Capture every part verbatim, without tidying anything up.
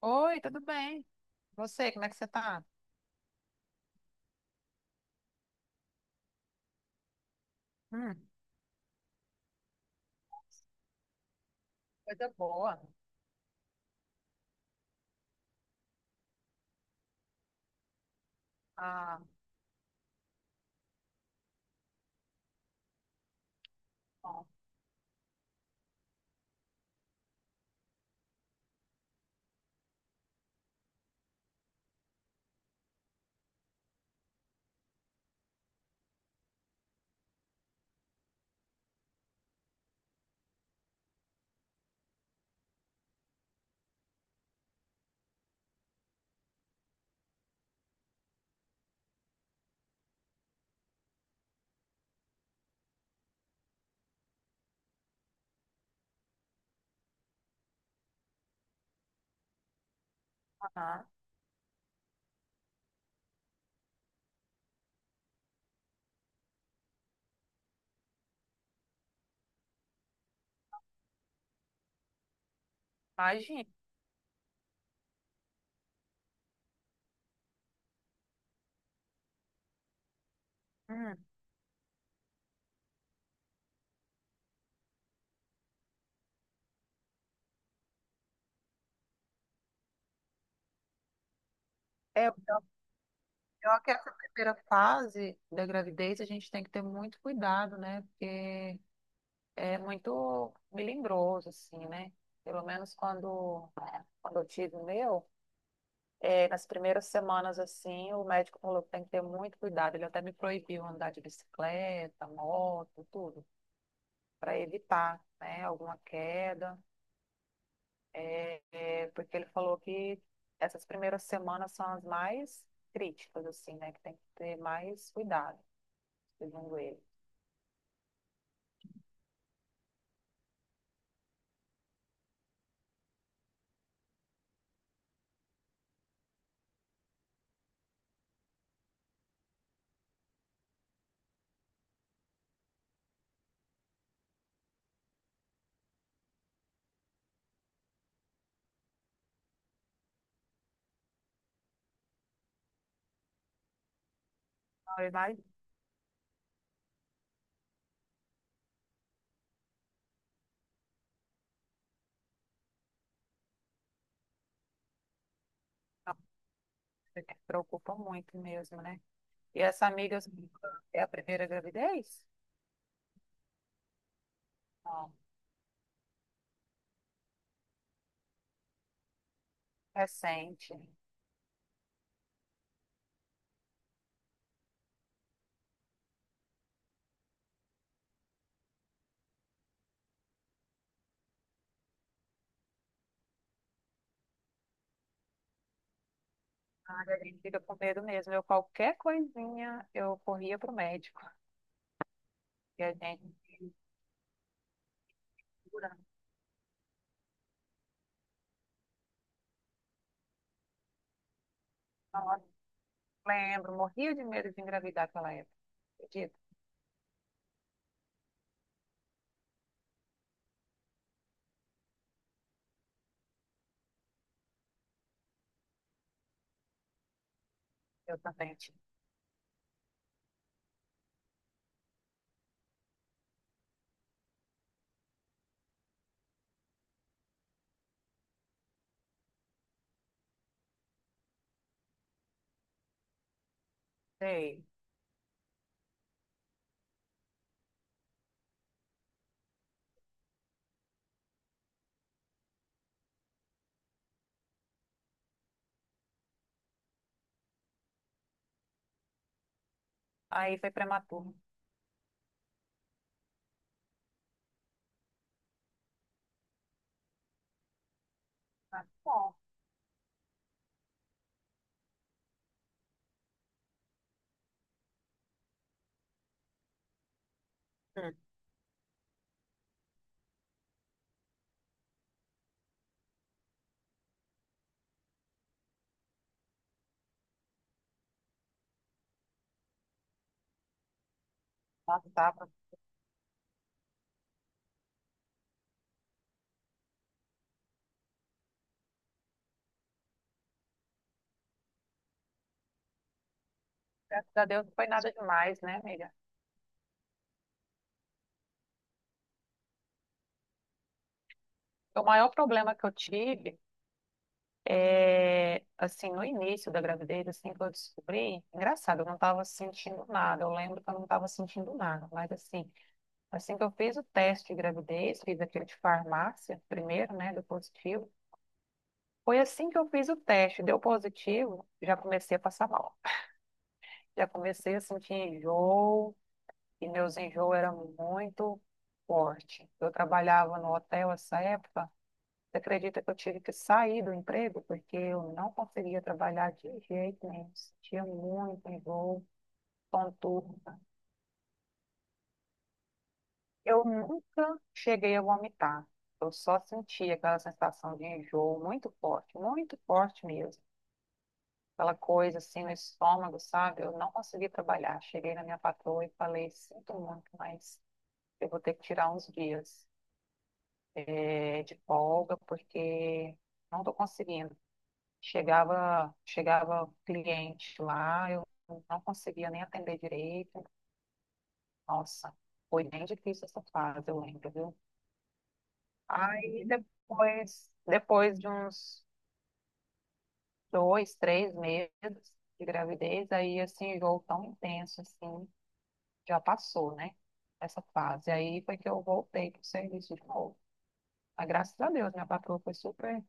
Oi, tudo bem? Você, como é que você tá? Hum. Coisa boa. Ah, bom. Aham. Imagina. Hum. É, eu acho que essa primeira fase da gravidez a gente tem que ter muito cuidado, né? Porque é muito melindroso, assim, né? Pelo menos quando, quando eu tive o meu, é, nas primeiras semanas, assim, o médico falou que tem que ter muito cuidado. Ele até me proibiu andar de bicicleta, moto, tudo, para evitar, né, alguma queda. É, porque ele falou que essas primeiras semanas são as mais críticas, assim, né? Que tem que ter mais cuidado, segundo ele. Não, ele vai- não, ele se preocupa muito mesmo, né? E essa amiga assim, é a primeira gravidez? Não, recente. Ah, a gente fica com medo mesmo. Eu, qualquer coisinha, eu corria pro médico. E a gente, nossa, lembro, morria de medo de engravidar naquela época. Acredito, eu também. Sei. Aí foi prematuro. Ah, bom. Nossa, tava. Graças a Deus não foi nada demais, né, amiga? O maior problema que eu tive é, assim, no início da gravidez, assim, que eu descobri, engraçado, eu não estava sentindo nada, eu lembro que eu não estava sentindo nada, mas assim, assim que eu fiz o teste de gravidez, fiz aquele de farmácia primeiro, né, do positivo, foi assim que eu fiz o teste, deu positivo, já comecei a passar mal, já comecei a sentir enjoo, e meus enjoos eram muito forte. Eu trabalhava no hotel essa época. Você acredita que eu tive que sair do emprego porque eu não conseguia trabalhar de jeito nenhum, sentia muito enjoo, tontura. Eu nunca cheguei a vomitar, eu só sentia aquela sensação de enjoo muito forte, muito forte mesmo. Aquela coisa assim no estômago, sabe? Eu não consegui trabalhar. Cheguei na minha patroa e falei: sinto muito, mas eu vou ter que tirar uns dias eh, de folga porque não estou conseguindo. Chegava, chegava cliente lá, eu não conseguia nem atender direito. Nossa, foi bem difícil essa fase, eu lembro, viu? Aí depois, depois de uns dois, três meses de gravidez, aí esse enjoo tão intenso assim, já passou, né? Essa fase. Aí foi que eu voltei para o serviço de novo. Mas graças a Deus, minha patroa foi super.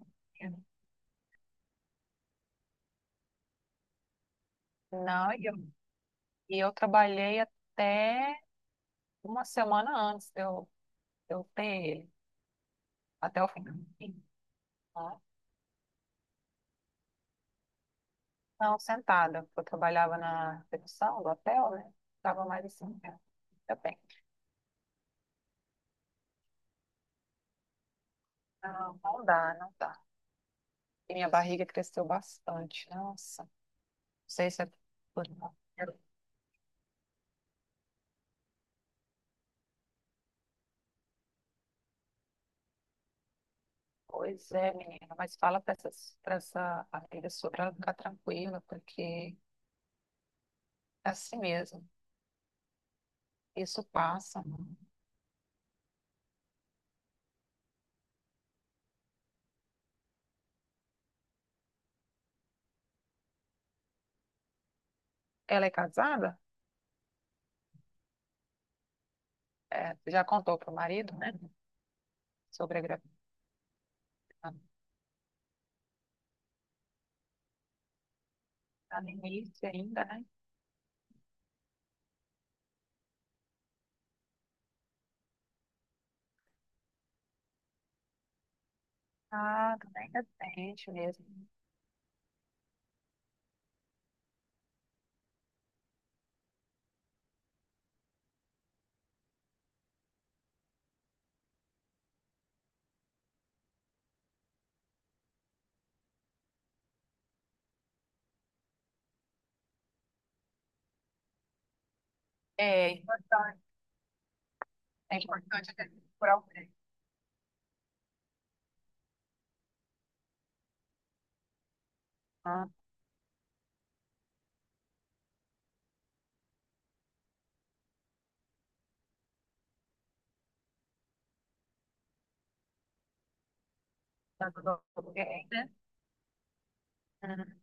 Não, e eu, e eu trabalhei até uma semana antes de eu Eu tenho ele até o fim. Tá? Não, sentada, porque eu trabalhava na recepção do hotel, né? Estava mais assim, né? Eu bem. Não, não dá, não dá. E minha barriga cresceu bastante. Nossa, não sei se é por. Pois é, menina, mas fala para essa, para essa, amiga sua para ela ficar tranquila, porque é assim mesmo. Isso passa. Ela é casada? É, já contou pro marido, né? Sobre a gravidez. Tá no início ainda, né? Ah, tá bem recente mesmo. É importante, é importante ter por alguém. Ah, tá tudo bem, né? Uhum.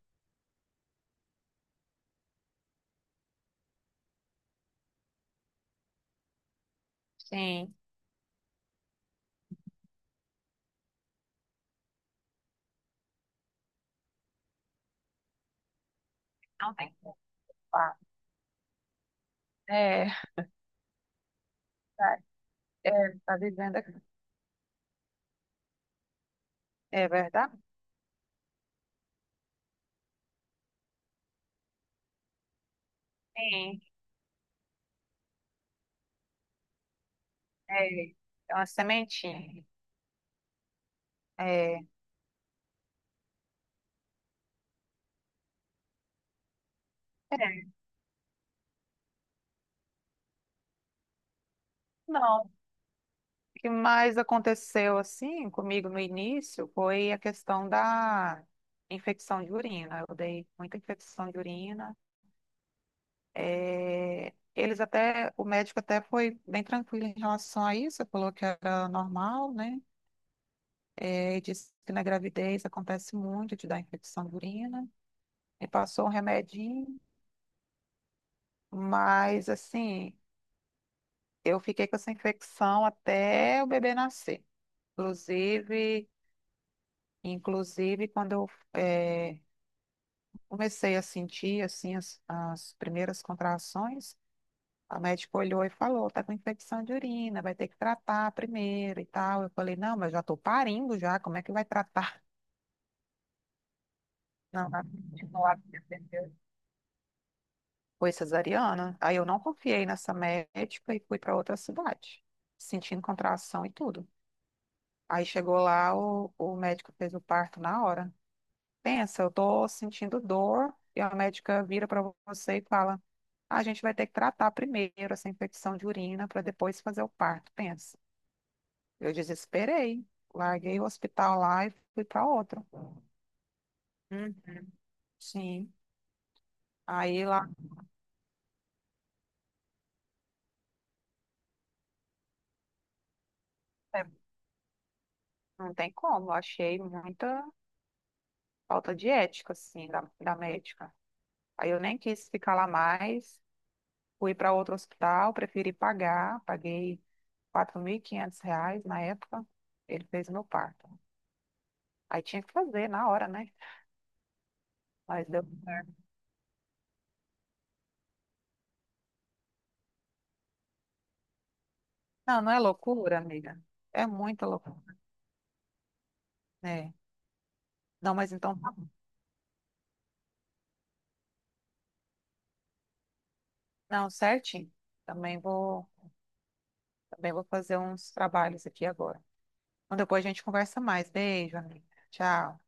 Sim, não tem como. Culpa. É, tá, é, tá vivendo aqui. É verdade? Sim, é, é uma sementinha. É, é. Não, o que mais aconteceu assim comigo no início foi a questão da infecção de urina. Eu dei muita infecção de urina. É, eles até, o médico até foi bem tranquilo em relação a isso, falou que era normal, né? É, e disse que na gravidez acontece muito de dar infecção de urina. E passou um remedinho, mas assim, eu fiquei com essa infecção até o bebê nascer. Inclusive, inclusive quando eu eh, comecei a sentir assim as, as primeiras contrações. A médica olhou e falou: tá com infecção de urina, vai ter que tratar primeiro e tal. Eu falei: não, mas já tô parindo já, como é que vai tratar? Não, vai continuar com esse- foi cesariana. Aí eu não confiei nessa médica e fui para outra cidade, sentindo contração e tudo. Aí chegou lá, o, o médico fez o parto na hora. Pensa, eu tô sentindo dor e a médica vira para você e fala: "Ah, a gente vai ter que tratar primeiro essa infecção de urina para depois fazer o parto." Pensa. Eu desesperei. Larguei o hospital lá e fui para outro. Hum, sim. Aí lá é, não tem como, eu achei muita falta de ética, assim, da, da médica. Aí eu nem quis ficar lá mais, fui para outro hospital, preferi pagar, paguei quatro mil e quinhentos reais na época, ele fez meu parto. Aí tinha que fazer na hora, né? Mas deu certo. Não, não é loucura, amiga. É muita loucura, né? Não, mas então, tá bom. Não, certinho. Também vou. Também vou fazer uns trabalhos aqui agora. Então, depois a gente conversa mais. Beijo, amiga. Tchau.